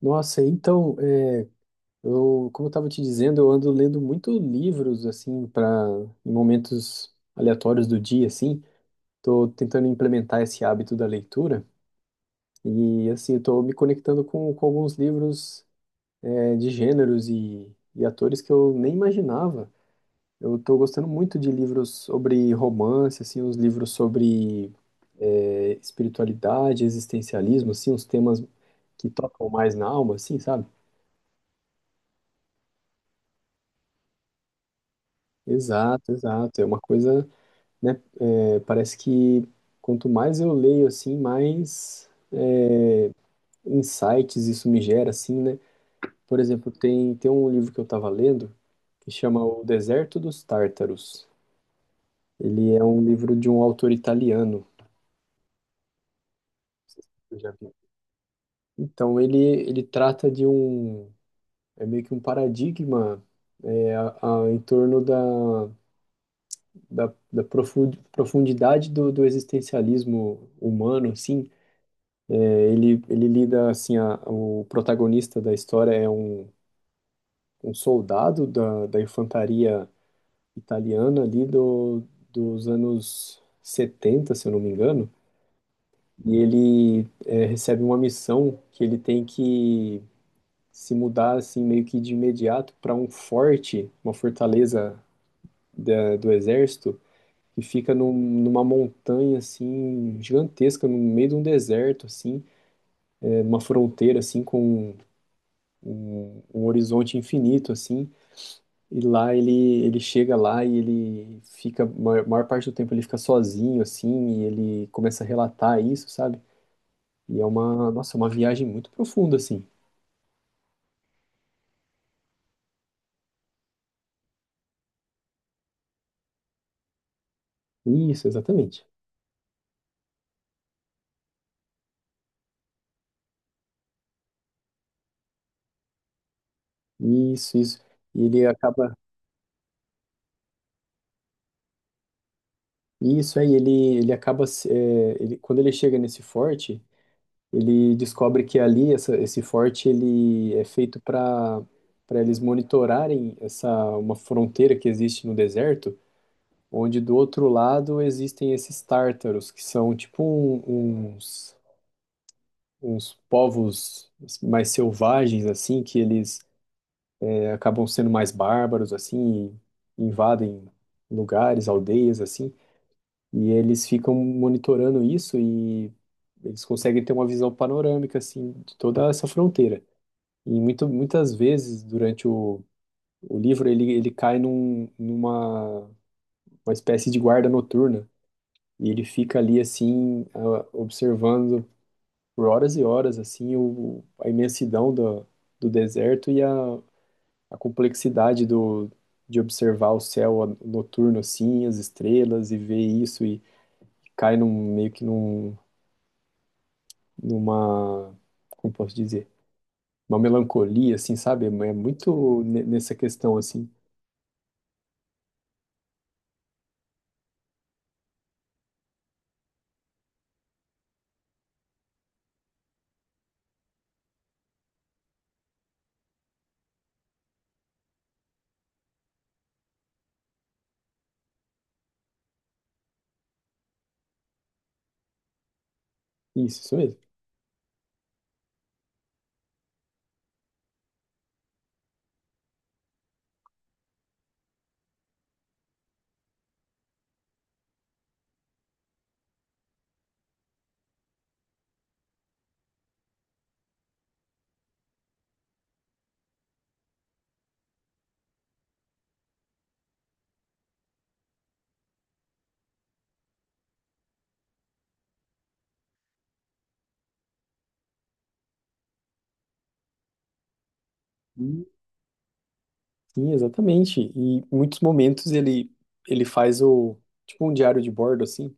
Nossa, então, eu, como eu estava te dizendo, eu ando lendo muito livros, assim, para em momentos aleatórios do dia, assim. Tô tentando implementar esse hábito da leitura e, assim, estou me conectando com alguns livros, de gêneros e atores que eu nem imaginava. Eu estou gostando muito de livros sobre romance, assim, uns livros sobre, espiritualidade, existencialismo, assim, uns temas que tocam mais na alma, assim, sabe? Exato, exato. É uma coisa, né? Parece que quanto mais eu leio, assim, mais insights isso me gera, assim, né? Por exemplo, tem um livro que eu estava lendo que chama O Deserto dos Tártaros. Ele é um livro de um autor italiano. Não sei se você já viu. Então, ele trata de um, é meio que um paradigma é, a- em torno da profundidade do existencialismo humano, assim. Ele lida assim, o protagonista da história é um, um soldado da infantaria italiana ali do, dos anos 70 se eu não me engano, e recebe uma missão que ele tem que se mudar assim meio que de imediato para um forte, uma fortaleza do exército que fica numa montanha assim gigantesca no meio de um deserto assim, numa fronteira assim com um horizonte infinito, assim. E lá ele chega lá e ele fica, maior parte do tempo ele fica sozinho, assim, e ele começa a relatar isso, sabe? E é uma, nossa, uma viagem muito profunda, assim. Isso, exatamente. Isso, isso. E ele acaba, isso aí, ele acaba, se- é, ele, quando ele chega nesse forte, ele descobre que ali, esse forte, ele é feito para eles monitorarem essa, uma fronteira que existe no deserto, onde do outro lado existem esses tártaros, que são tipo uns, uns povos mais selvagens, assim, que eles acabam sendo mais bárbaros, assim, e invadem lugares, aldeias, assim, e eles ficam monitorando isso e eles conseguem ter uma visão panorâmica, assim, de toda essa fronteira. E muito, muitas vezes, durante o livro, ele cai num, numa uma espécie de guarda noturna. E ele fica ali assim, observando por horas e horas assim a imensidão do deserto a complexidade de observar o céu noturno assim, as estrelas e ver isso e cai num, meio que num, numa, como posso dizer, uma melancolia assim, sabe? É muito nessa questão assim. Isso mesmo. E- Sim, exatamente. E em muitos momentos ele faz o tipo um diário de bordo assim.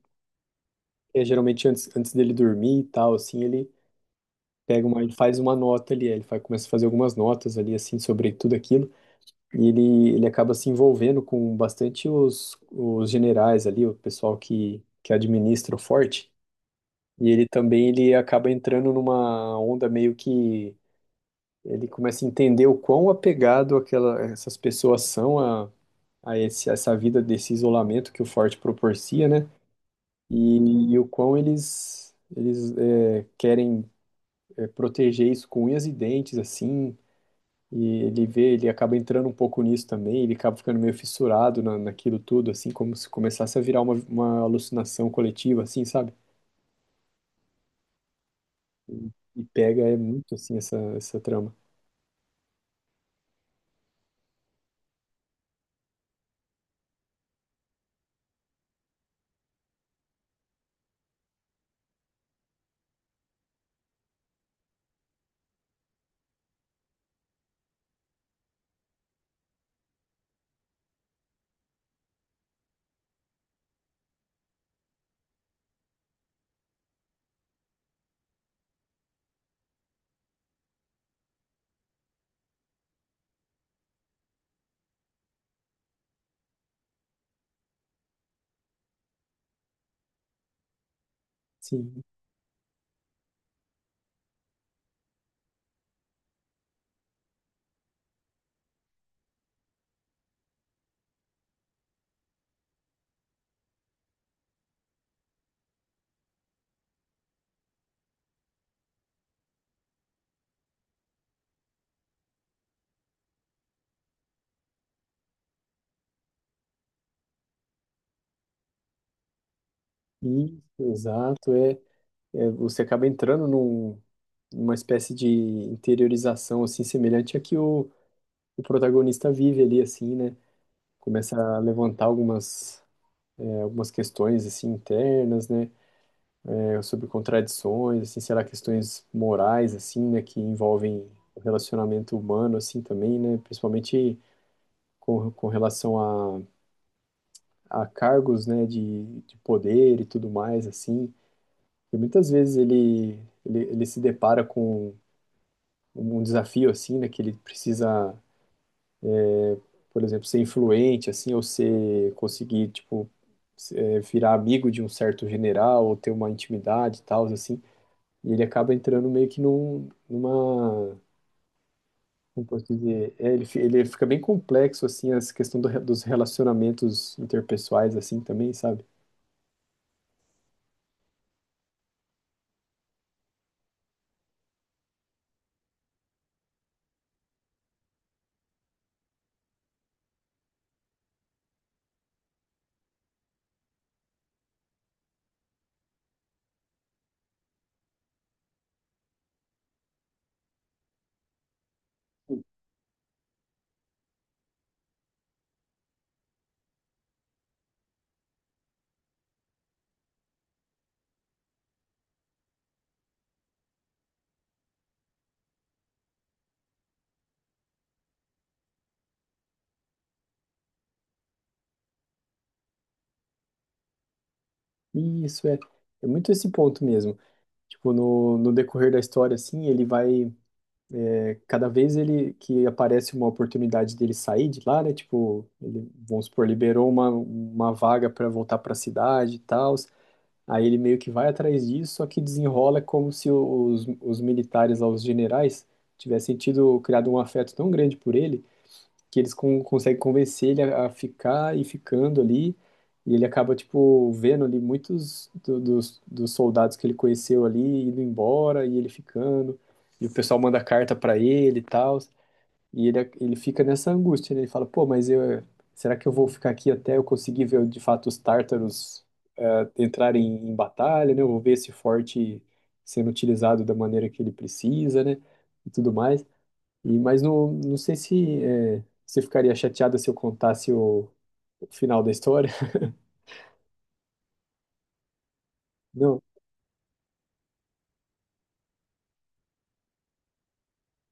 É, geralmente antes dele dormir e tal, assim, ele pega uma, ele faz uma nota ali, ele faz, começa a fazer algumas notas ali, assim, sobre tudo aquilo, e ele acaba se envolvendo com bastante os generais ali, o pessoal que administra o forte, e ele também, ele acaba entrando numa onda meio que, ele começa a entender o quão apegado aquela, essas pessoas são a, essa vida desse isolamento que o forte proporciona, né, e o quão eles... Eles querem proteger isso com unhas e dentes, assim, e ele vê, ele acaba entrando um pouco nisso também, ele acaba ficando meio fissurado naquilo tudo, assim, como se começasse a virar uma alucinação coletiva, assim, sabe? E pega, é muito, assim, essa trama. Sim, isso, exato, você acaba entrando num, numa espécie de interiorização, assim, semelhante a que o protagonista vive ali, assim, né? Começa a levantar algumas, algumas questões, assim, internas, né? Sobre contradições, assim, sei lá questões morais, assim, né, que envolvem o relacionamento humano, assim, também, né, principalmente com relação a cargos, né, de poder e tudo mais, assim, e muitas vezes ele se depara com um desafio, assim, né, que ele precisa, por exemplo, ser influente, assim, ou ser, conseguir, tipo, virar amigo de um certo general, ou ter uma intimidade e tal, assim, e ele acaba entrando meio que num, numa como posso dizer, ele, ele fica bem complexo, assim, essa questão dos relacionamentos interpessoais, assim, também, sabe? E isso é muito esse ponto mesmo. Tipo, no decorrer da história, assim, cada vez que aparece uma oportunidade dele sair de lá, né? Tipo, ele, vamos supor, liberou uma vaga para voltar para a cidade e tal, aí ele meio que vai atrás disso, só que desenrola como se os militares lá, os generais, tivessem tido, criado um afeto tão grande por ele, que eles conseguem convencer ele a ficar e ficando ali. E ele acaba, tipo, vendo ali muitos dos soldados que ele conheceu ali indo embora e ele ficando. E o pessoal manda carta pra ele e tal. E ele fica nessa angústia, né? Ele fala, pô, mas eu, será que eu vou ficar aqui até eu conseguir ver de fato os tártaros entrarem em batalha, né? Eu vou ver esse forte sendo utilizado da maneira que ele precisa, né? E tudo mais. E, mas não, não sei se é, você ficaria chateada se eu contasse o final da história. Não?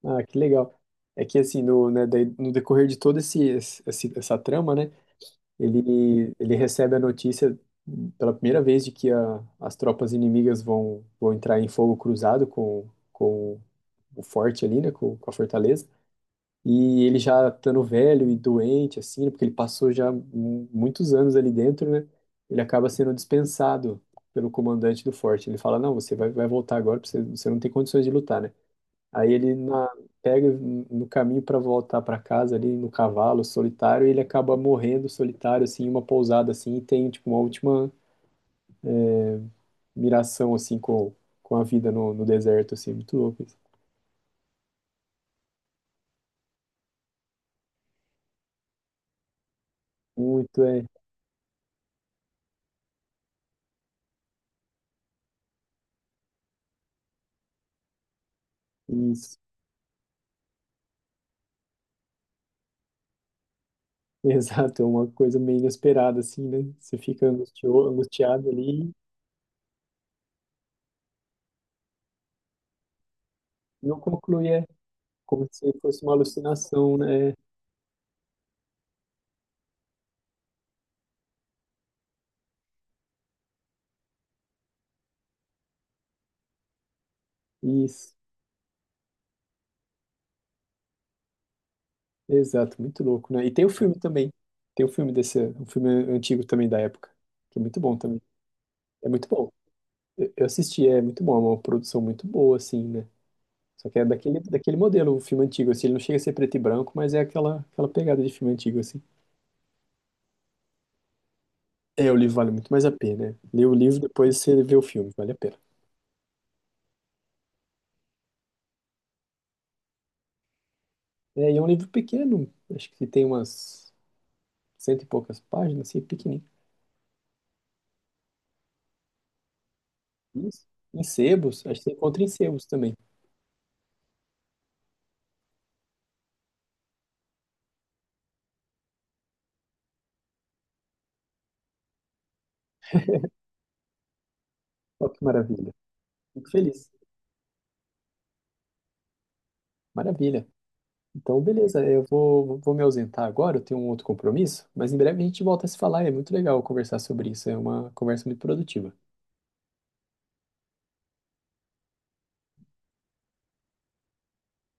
Ah, que legal. É que assim, no, né, daí, no decorrer de toda esse, essa trama, né, ele recebe a notícia pela primeira vez de que as tropas inimigas vão entrar em fogo cruzado com o forte ali, né, com a fortaleza. E ele já estando velho e doente, assim, né, porque ele passou já muitos anos ali dentro, né? Ele acaba sendo dispensado pelo comandante do forte. Ele fala: Não, você vai, vai voltar agora, porque você, você não tem condições de lutar, né? Aí ele na- Pega no caminho para voltar para casa ali no cavalo solitário, e ele acaba morrendo solitário, assim, em uma pousada, assim, e tem, tipo, uma última miração, assim, com a vida no deserto, assim, muito louco. Isso. Muito, é. Isso. Exato, é uma coisa meio inesperada, assim, né? Você fica angustiado ali e não conclui, é como se fosse uma alucinação, né? Isso, exato, muito louco, né? E tem o filme também, tem o filme desse, um filme antigo também da época, que é muito bom também, é muito bom. Eu assisti, é muito bom, é uma produção muito boa, assim, né? Só que é daquele, daquele modelo, o filme antigo, assim, ele não chega a ser preto e branco, mas é aquela, aquela pegada de filme antigo, assim. É, o livro vale muito mais a pena, né? Lê o livro, depois você vê o filme, vale a pena. É, e é um livro pequeno, acho que tem umas cento e poucas páginas, assim, pequenininho. Isso. Em sebos, acho que você encontra em sebos também. Olha que maravilha. Fico feliz. Maravilha. Então, beleza, eu vou, vou me ausentar agora, eu tenho um outro compromisso, mas em breve a gente volta a se falar, é muito legal conversar sobre isso, é uma conversa muito produtiva.